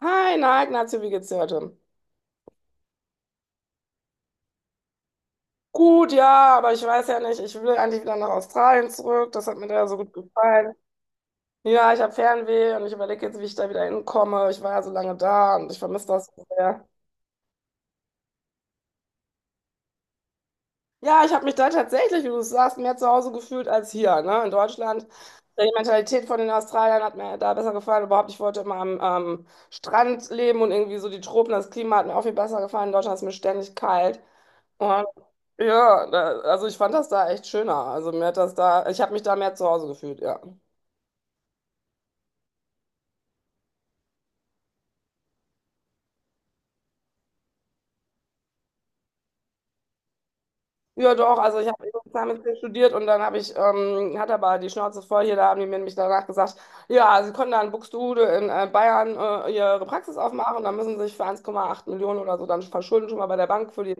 Hi, na, Ignacio, wie geht's dir heute? Gut, ja, aber ich weiß ja nicht, ich will eigentlich wieder nach Australien zurück, das hat mir da so gut gefallen. Ja, ich habe Fernweh und ich überlege jetzt, wie ich da wieder hinkomme. Ich war ja so lange da und ich vermisse das so sehr. Ja, ich habe mich da tatsächlich, wie du sagst, mehr zu Hause gefühlt als hier, ne, in Deutschland. Die Mentalität von den Australiern hat mir da besser gefallen. Überhaupt, ich wollte immer am Strand leben und irgendwie so die Tropen, das Klima hat mir auch viel besser gefallen. In Deutschland ist mir ständig kalt. Und ja, da, also ich fand das da echt schöner. Also mir hat das da, ich habe mich da mehr zu Hause gefühlt, ja. Ja, doch, also ich habe Zahnmedizin studiert und dann habe ich, hatte aber die Schnauze voll hier, da haben die mir nämlich danach gesagt, ja, sie können dann in Buxtehude in Bayern ihre Praxis aufmachen, dann müssen sie sich für 1,8 Millionen oder so dann verschulden schon mal bei der Bank für die.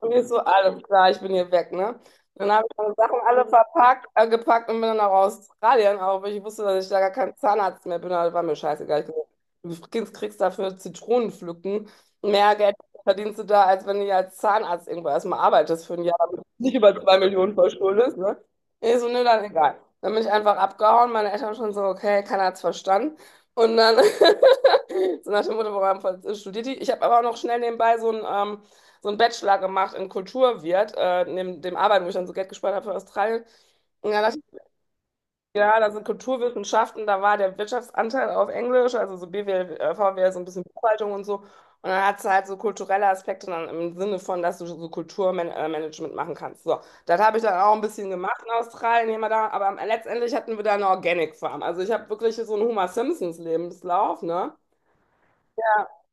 Und ich so, alles klar, ich bin hier weg, ne? Dann habe ich meine Sachen alle verpackt, gepackt und bin dann nach Australien, auch weil ich wusste, dass ich da gar kein Zahnarzt mehr bin, aber war mir scheißegal. Ich gesagt, du kriegst dafür Zitronen pflücken. Mehr Geld verdienst du da, als wenn du als Zahnarzt irgendwo erstmal arbeitest für ein Jahr, damit du nicht über 2 Millionen verschuldest, ne? Ich so, nö, dann egal. Dann bin ich einfach abgehauen, meine Eltern schon so, okay, keiner hat's verstanden. Und dann, so nach dem Motto, warum studiert die? Ich habe aber auch noch schnell nebenbei so einen Bachelor gemacht in Kulturwirt, neben dem Arbeiten, wo ich dann so Geld gespart habe für Australien. Und dann dachte ich, ja, da sind Kulturwissenschaften, da war der Wirtschaftsanteil auf Englisch, also so BWL, VWL, so ein bisschen Buchhaltung und so. Und dann hat es halt so kulturelle Aspekte dann im Sinne von, dass du so Kulturmanagement machen kannst. So, das habe ich dann auch ein bisschen gemacht in Australien, hier mal da, aber letztendlich hatten wir da eine Organic Farm. Also ich habe wirklich so einen Homer Simpsons Lebenslauf, ne? Ja,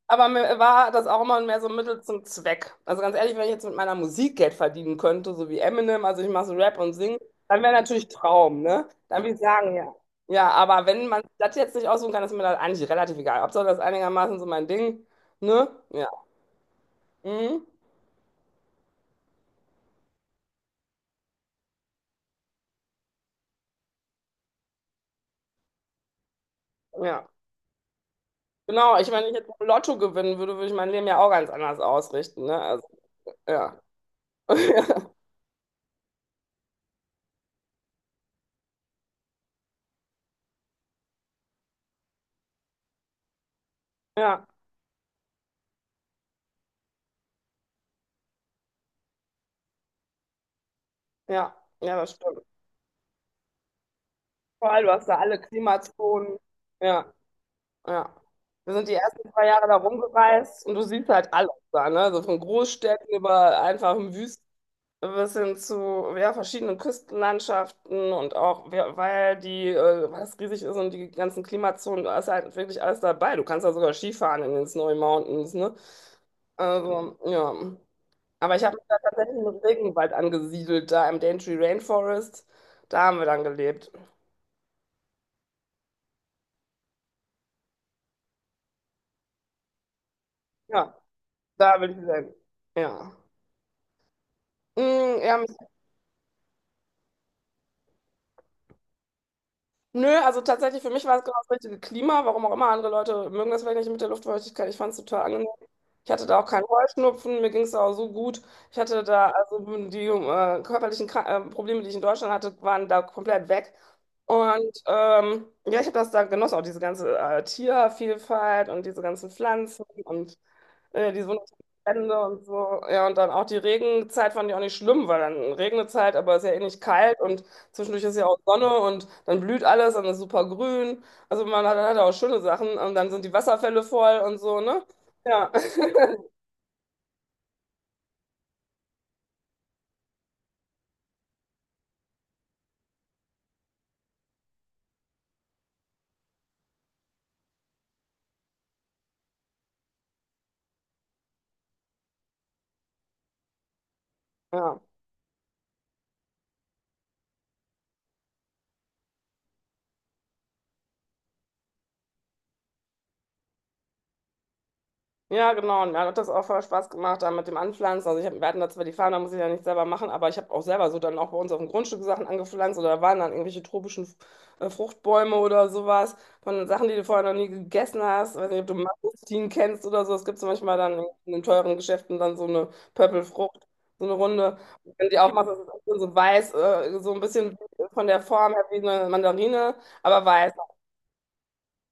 aber mir war das auch immer mehr so ein Mittel zum Zweck. Also ganz ehrlich, wenn ich jetzt mit meiner Musik Geld verdienen könnte, so wie Eminem, also ich mache so Rap und Singen, dann wäre natürlich Traum, ne? Dann würde ich sagen, ja. Ja, aber wenn man das jetzt nicht aussuchen kann, ist mir das eigentlich relativ egal. Hauptsache, das ist einigermaßen so mein Ding, ne? Ja. Mhm. Ja. Genau, ich, wenn ich jetzt Lotto gewinnen würde, würde ich mein Leben ja auch ganz anders ausrichten, ne? Also, ja. Ja, ja, ja, das stimmt. Vor allem, du hast da alle Klimazonen. Ja. Ja. Wir sind die ersten 2 Jahre da rumgereist und du siehst halt alles da, ne? Also von Großstädten über einfachen Wüsten bis hin zu ja, verschiedenen Küstenlandschaften und auch, wer- weil die, was riesig ist und die ganzen Klimazonen, da ist halt wirklich alles dabei. Du kannst da sogar Skifahren in den Snowy Mountains, ne? Also, ja. Aber ich habe mich da tatsächlich im Regenwald angesiedelt, da im Daintree Rainforest. Da haben wir dann gelebt. Ja, da will ich wieder hin. Ja. Mm, ja. Nö, also tatsächlich für mich war es genau das richtige Klima, warum auch immer. Andere Leute mögen das vielleicht nicht mit der Luftfeuchtigkeit. Ich fand es total angenehm. Ich hatte da auch keinen Heuschnupfen, mir ging es auch so gut. Ich hatte da, also die körperlichen Probleme, die ich in Deutschland hatte, waren da komplett weg. Und ja, ich habe das da genossen, auch diese ganze Tiervielfalt und diese ganzen Pflanzen. Und ja, die Sonnenbrände und so. Ja, und dann auch die Regenzeit fand ich auch nicht schlimm, weil dann Regnezeit, aber es ist ja eh nicht kalt und zwischendurch ist ja auch Sonne und dann blüht alles und ist super grün. Also man hat, hat auch schöne Sachen und dann sind die Wasserfälle voll und so, ne? Ja. Ja. Ja, genau. Und mir hat das auch voll Spaß gemacht, da mit dem Anpflanzen. Also ich hab, wir hatten da zwar die Farm, da muss ich ja nicht selber machen, aber ich habe auch selber so dann auch bei uns auf dem Grundstück Sachen angepflanzt oder da waren dann irgendwelche tropischen Fruchtbäume oder sowas von Sachen, die du vorher noch nie gegessen hast. Weiß nicht, ob du Mangostin kennst oder so. Es gibt so manchmal dann in den teuren Geschäften dann so eine Pöppelfrucht, so eine Runde. Und wenn die aufmachst, das ist es so weiß, so ein bisschen von der Form her wie eine Mandarine, aber weiß.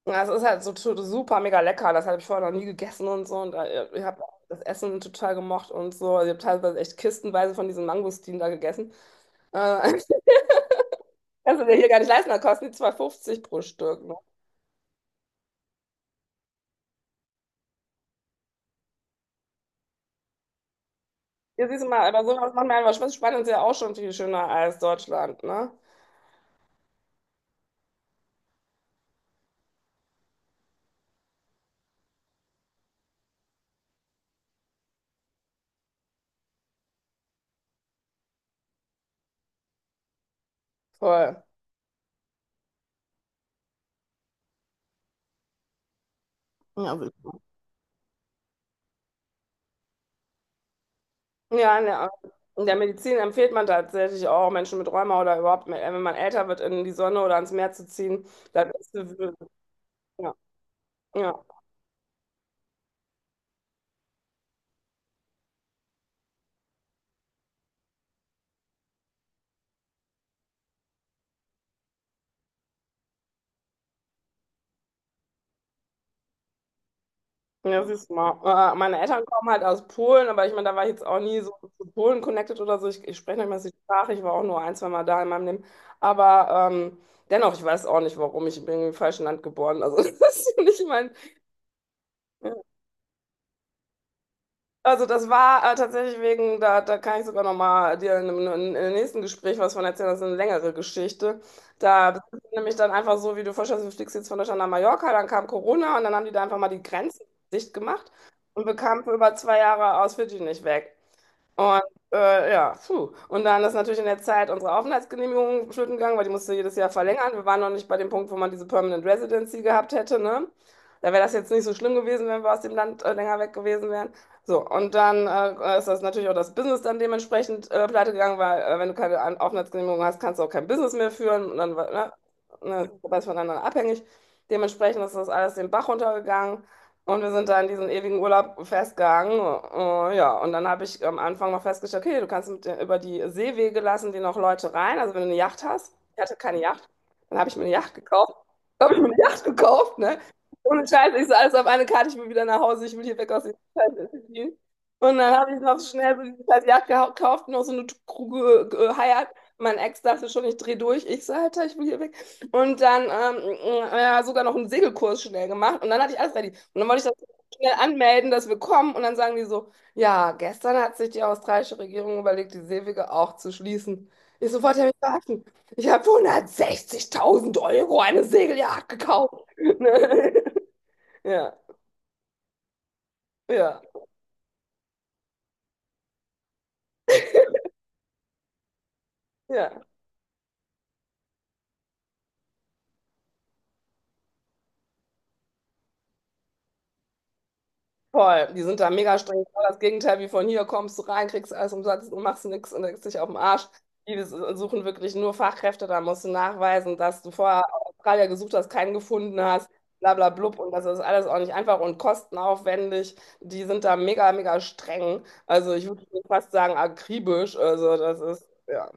Ja, es ist halt so super mega lecker. Das habe ich vorher noch nie gegessen und so. Und ich habe das Essen total gemocht und so. Also ich habe teilweise echt kistenweise von diesen Mangostinen da gegessen. Äh, kannst du dir hier gar nicht leisten, da kosten die 2,50 pro Stück. Ne? Hier siehst du mal, aber sowas macht mir einfach Spaß. Spanien ist ja auch schon viel schöner als Deutschland, ne? Voll. Ja, wirklich. Ja, in der Medizin empfiehlt man tatsächlich auch Menschen mit Rheuma oder überhaupt, wenn man älter wird, in die Sonne oder ans Meer zu ziehen. Das ist, ja, ja. Ja, siehst du mal. Meine Eltern kommen halt aus Polen, aber ich meine, da war ich jetzt auch nie so zu Polen connected oder so. Ich spreche nicht mehr die Sprache. Ich war auch nur ein, zwei Mal da in meinem Leben. Aber dennoch, ich weiß auch nicht, warum ich bin im falschen Land geboren. Also, das ist nicht mein. Also das war tatsächlich wegen, da, da kann ich sogar nochmal dir in einem nächsten Gespräch was von erzählen, das ist eine längere Geschichte. Da bist du nämlich dann einfach so, wie du vorstellst, du fliegst jetzt von Deutschland nach Mallorca, dann kam Corona und dann haben die da einfach mal die Grenzen dicht gemacht und wir kamen für über 2 Jahre aus Fidschi nicht weg. Und ja, puh. Und dann ist natürlich in der Zeit unsere Aufenthaltsgenehmigung flöten gegangen, weil die musste jedes Jahr verlängern. Wir waren noch nicht bei dem Punkt, wo man diese Permanent Residency gehabt hätte, ne? Da wäre das jetzt nicht so schlimm gewesen, wenn wir aus dem Land länger weg gewesen wären. So, und dann ist das natürlich auch das Business dann dementsprechend pleite gegangen, weil wenn du keine Aufenthaltsgenehmigung hast, kannst du auch kein Business mehr führen. Und dann war, ne, ne, das ist voneinander abhängig. Dementsprechend ist das alles den Bach runtergegangen. Und wir sind da in diesen ewigen Urlaub festgegangen. Ja, und dann habe ich am Anfang mal festgestellt, okay, du kannst mit, der- über die Seewege lassen die noch Leute rein. Also wenn du eine Yacht hast, ich hatte keine Yacht, dann habe ich mir eine Yacht gekauft. Habe ich mir eine Yacht gekauft, ne? Ohne Scheiß, ich so alles auf eine Karte, ich will wieder nach Hause, ich will hier weg aus dem Scheiß. Und dann habe ich noch schnell so diese scheiß Yacht gekauft, noch so eine Kruge geheiert. Mein Ex dachte schon, ich drehe durch. Ich so, Alter, ich will hier weg. Und dann ja, sogar noch einen Segelkurs schnell gemacht. Und dann hatte ich alles ready. Und dann wollte ich das schnell anmelden, dass wir kommen. Und dann sagen die so, ja, gestern hat sich die australische Regierung überlegt, die Seewege auch zu schließen. Ich sofort habe mich verarschen. Ich habe für 160.000 Euro eine Segeljagd gekauft. Ja, ja, ja. Voll, die sind da mega streng. Genau das Gegenteil wie von hier, kommst du rein, kriegst alles umsonst und machst nichts und legst dich auf den Arsch. Die suchen wirklich nur Fachkräfte, da musst du nachweisen, dass du vorher Australier gesucht hast, keinen gefunden hast, bla bla blub. Und das ist alles auch nicht einfach und kostenaufwendig. Die sind da mega, mega streng. Also ich würde fast sagen, akribisch. Also das ist, ja.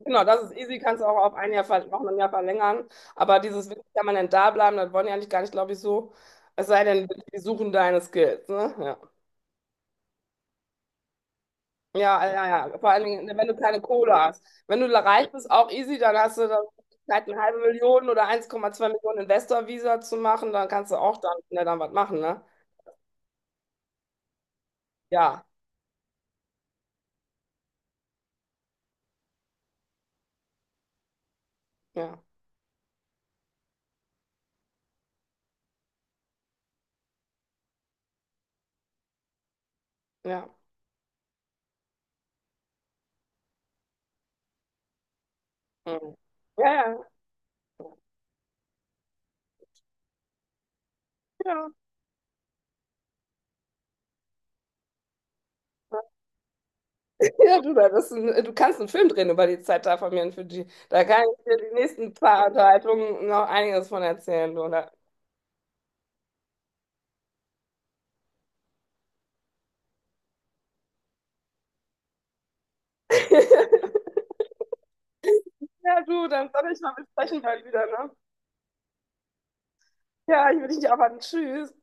Genau, das ist easy, kannst du auch auf ein Jahr, noch ein Jahr verlängern. Aber dieses wirklich permanent da bleiben, das wollen die eigentlich gar nicht, glaube ich, so. Es sei denn, die suchen deine Skills, ne? Ja. Ja, ja, ja. Vor allen Dingen, wenn du keine Kohle hast. Wenn du reich bist, auch easy, dann hast du dann die Möglichkeit, eine halbe Million oder 1,2 Millionen Investor-Visa zu machen, dann kannst du auch dann, ne, dann was machen, ne? Ja, ja, ja. Mhm. Ja, ja, ja. Ja, du, das ist ein, du kannst einen Film drehen über die Zeit da von mir in Fidschi. Da kann ich dir die nächsten paar Unterhaltungen noch einiges von erzählen, du. Ne? Ja, du, dann soll ich mal besprechen bald wieder, ne? Ja, ich will dich nicht aufhalten. Tschüss.